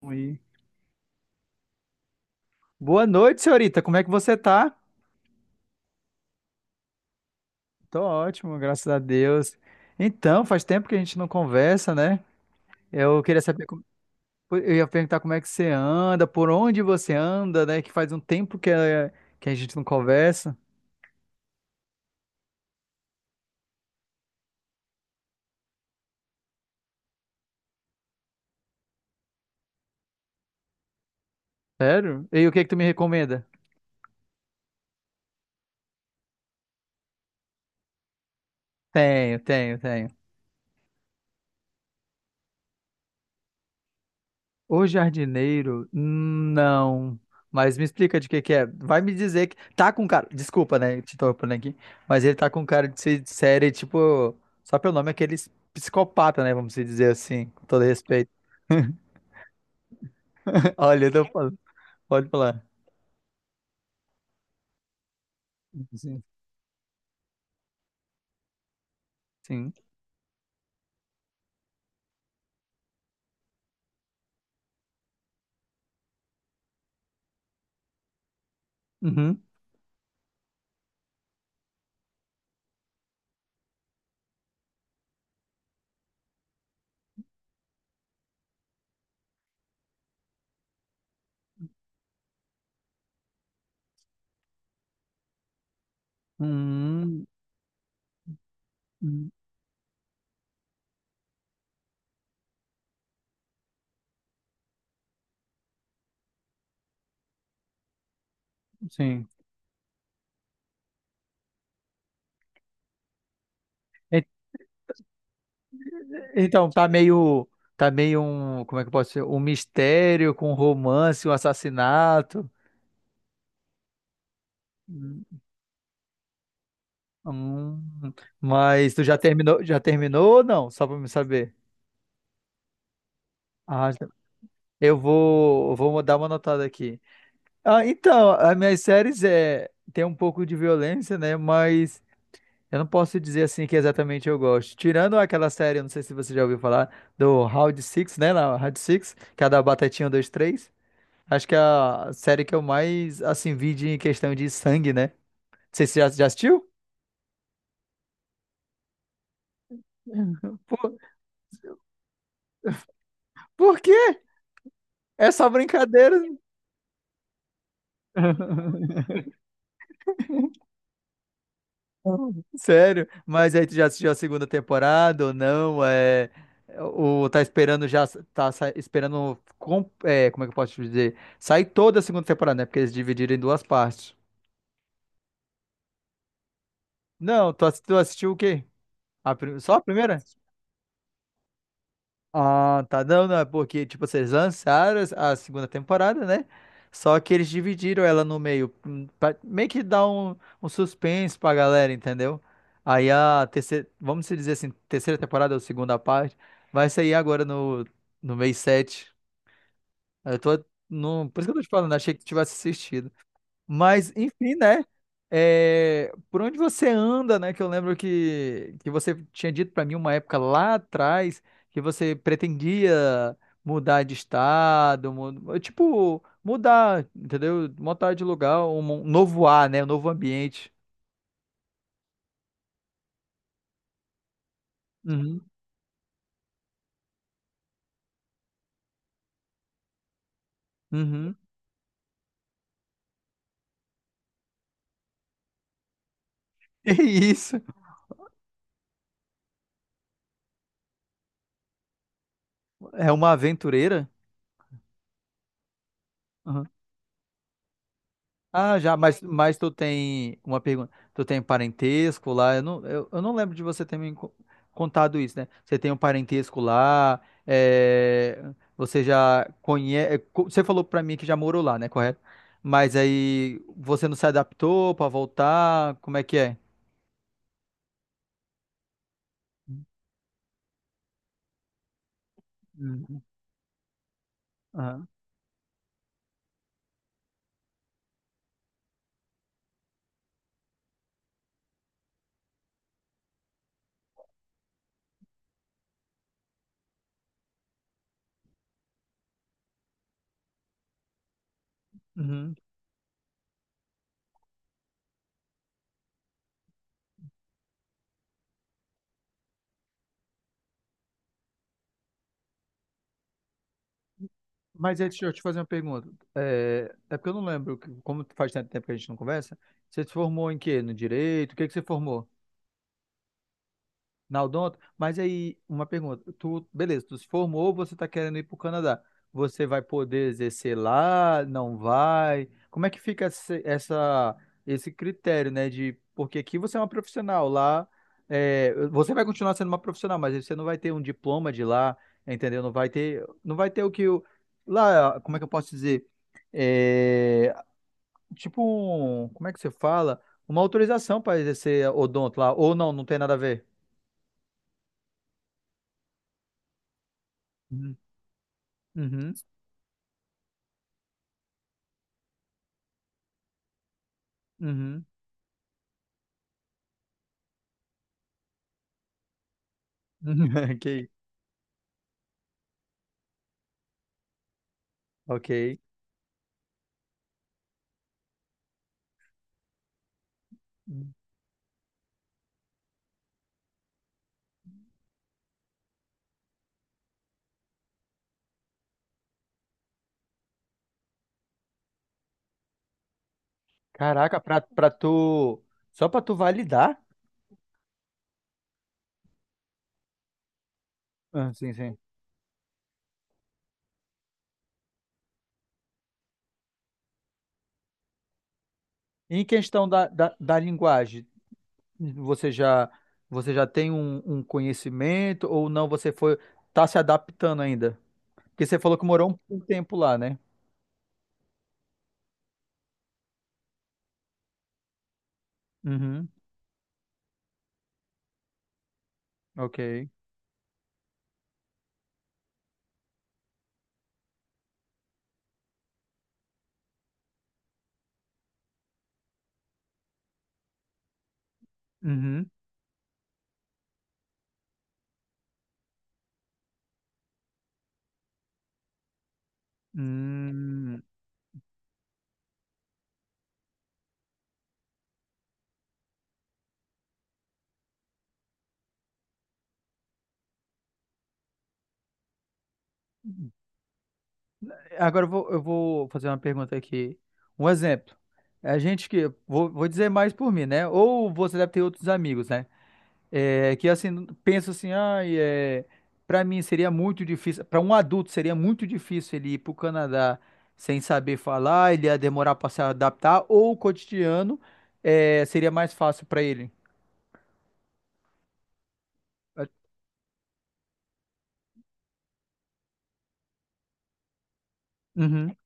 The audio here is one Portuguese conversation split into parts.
Oi. Boa noite, senhorita. Como é que você tá? Tô ótimo, graças a Deus. Então, faz tempo que a gente não conversa, né? Eu queria saber, eu ia perguntar como é que você anda, por onde você anda, né? Que faz um tempo que a gente não conversa. Sério? E o que é que tu me recomenda? Tenho. O jardineiro, não. Mas me explica de que é. Vai me dizer que tá com cara. Desculpa, né? Te interrompendo aqui. Mas ele tá com cara de ser de série, tipo. Só pelo nome, aqueles psicopata, né? Vamos se dizer assim, com todo respeito. Olha, eu tô falando. Pode falar. Sim. Sim. Uhum. Hum, hum, Sim. E- Então, tá meio. Tá meio um. Como é que eu posso dizer? Um mistério com romance, um assassinato. Hum, mas tu já terminou ou não? Só pra me saber. Ah, tá. Eu vou dar uma notada aqui. Ah, então, as minhas séries é tem um pouco de violência, né? Mas eu não posso dizer assim que exatamente eu gosto. Tirando aquela série, eu não sei se você já ouviu falar do Round Six, né? Na Round Six, que é a da Batatinha 123. Acho que é a série que eu mais assim vi de em questão de sangue, né? Você já assistiu? Por, por quê? É só brincadeira. Sério? Mas aí tu já assistiu a segunda temporada ou não? É, ou tá esperando já, é, como é que eu posso te dizer? Sair toda a segunda temporada, né? Porque eles dividiram em duas partes. Não, tu assistiu o quê? Só a primeira? Ah, tá. Não, não, é porque, tipo, vocês lançaram a segunda temporada, né? Só que eles dividiram ela no meio, pra meio que dar um suspense pra galera, entendeu? Aí a terceira, vamos se dizer assim, terceira temporada ou segunda parte, vai sair agora no mês 7. Eu tô, no, Por isso que eu tô te falando, achei que tu tivesse assistido. Mas, enfim, né? É, por onde você anda, né? Que eu lembro que você tinha dito para mim uma época lá atrás que você pretendia mudar de estado, tipo, mudar, entendeu? Mudar de lugar, um novo ar, né? Um novo ambiente. Uhum, uhum. É isso. É uma aventureira? Ah, já, mas tu tem uma pergunta. Tu tem parentesco lá? Eu não, eu não lembro de você ter contado isso, né? Você tem um parentesco lá? É, você já conhece. Você falou pra mim que já morou lá, né? Correto? Mas aí você não se adaptou pra voltar? Como é que é? Uhum. Aham. Uhum. Mas aí, deixa eu te fazer uma pergunta. É, é porque eu não lembro, que- como faz tanto tempo que a gente não conversa, você se formou em quê? No direito? O que que você formou? Na Odonto? Mas aí, uma pergunta. Tu, beleza, tu se formou, você está querendo ir para o Canadá. Você vai poder exercer lá? Não vai? Como é que fica esse critério, né? De, porque aqui você é uma profissional, lá é, você vai continuar sendo uma profissional, mas você não vai ter um diploma de lá, entendeu? Não vai ter, não vai ter o que o, lá, como é que eu posso dizer? É, tipo um, como é que você fala? Uma autorização para exercer odonto lá, ou não, não tem nada a ver. Uhum, uhum. Ok, ok. Caraca, pra tu. Só pra tu validar? Ah, sim, sim. Em questão da linguagem, você já, você já tem um conhecimento ou não? Você foi, tá se adaptando ainda? Porque você falou que morou um tempo lá, né? Uhum, ok. Uhum. Hum. Agora eu vou fazer uma pergunta aqui. Um exemplo. A gente que. Vou dizer mais por mim, né? Ou você deve ter outros amigos, né? É, que assim, penso assim, ai, é, para mim seria muito difícil, para um adulto seria muito difícil ele ir para o Canadá sem saber falar, ele ia demorar para se adaptar, ou o cotidiano é, seria mais fácil para ele. Uhum,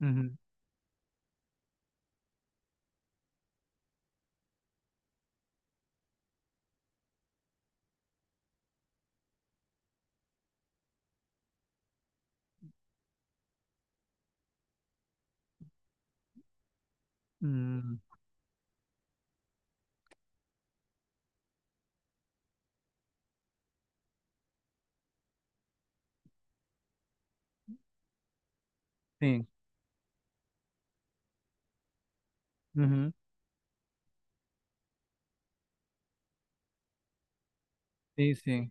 uhum, uhum, sim, uhum, sim, sim.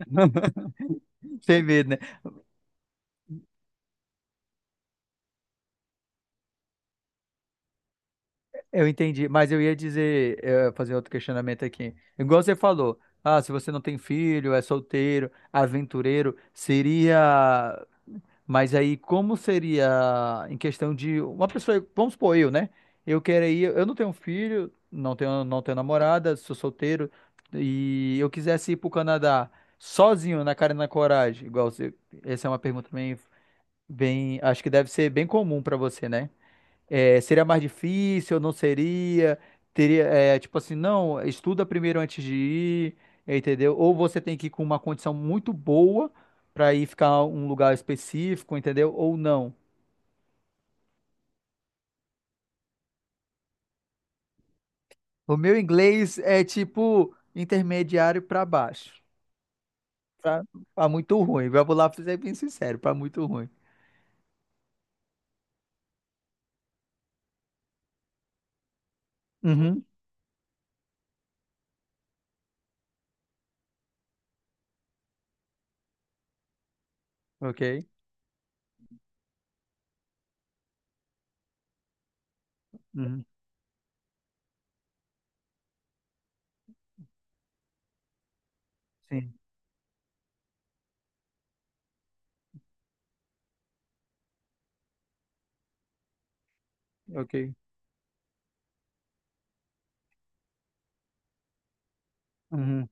Sem medo, né? Eu entendi, mas eu ia dizer, fazer outro questionamento aqui. Igual você falou, ah, se você não tem filho, é solteiro, aventureiro, seria. Mas aí, como seria em questão de uma pessoa, vamos supor eu, né? Eu queria, eu não tenho um filho, não tenho, não tenho namorada, sou solteiro, e eu quisesse ir pro Canadá sozinho, na cara e na coragem, igual você, essa é uma pergunta bem, bem, acho que deve ser bem comum para você, né? É, seria mais difícil, não seria? Teria, é, tipo assim, não, estuda primeiro antes de ir, entendeu? Ou você tem que ir com uma condição muito boa para ir ficar um lugar específico, entendeu? Ou não. O meu inglês é tipo intermediário para baixo. Pra, pra muito ruim. Vamos lá, pra ser bem sincero, para muito ruim. Uhum, ok. Uhum, sim, ok. Uhum,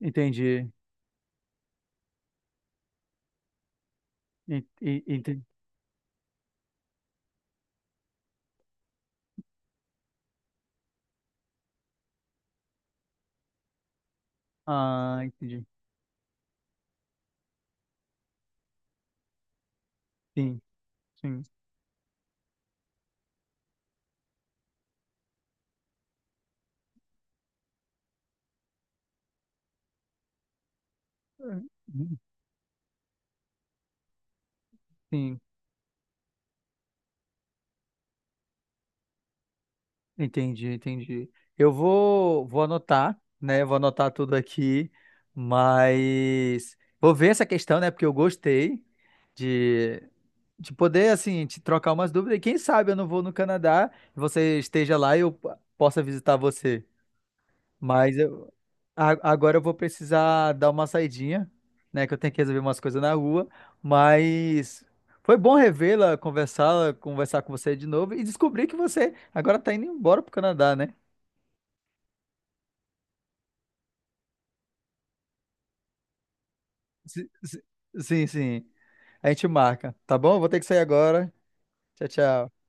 entendi. En- en- ente- Ah, entendi. Sim, sim. Uhum, Sim, Entendi, entendi. Vou anotar, né? Vou anotar tudo aqui, mas vou ver essa questão, né? Porque eu gostei de, de poder, assim, te trocar umas dúvidas. E quem sabe eu não vou no Canadá, você esteja lá e eu possa visitar você. Mas eu, agora eu vou precisar dar uma saidinha, né? Que eu tenho que resolver umas coisas na rua. Mas foi bom revê-la, conversá-la, conversar com você de novo e descobrir que você agora está indo embora para o Canadá, né? Si- si- Sim, sim. A gente marca, tá bom? Vou ter que sair agora. Tchau, tchau.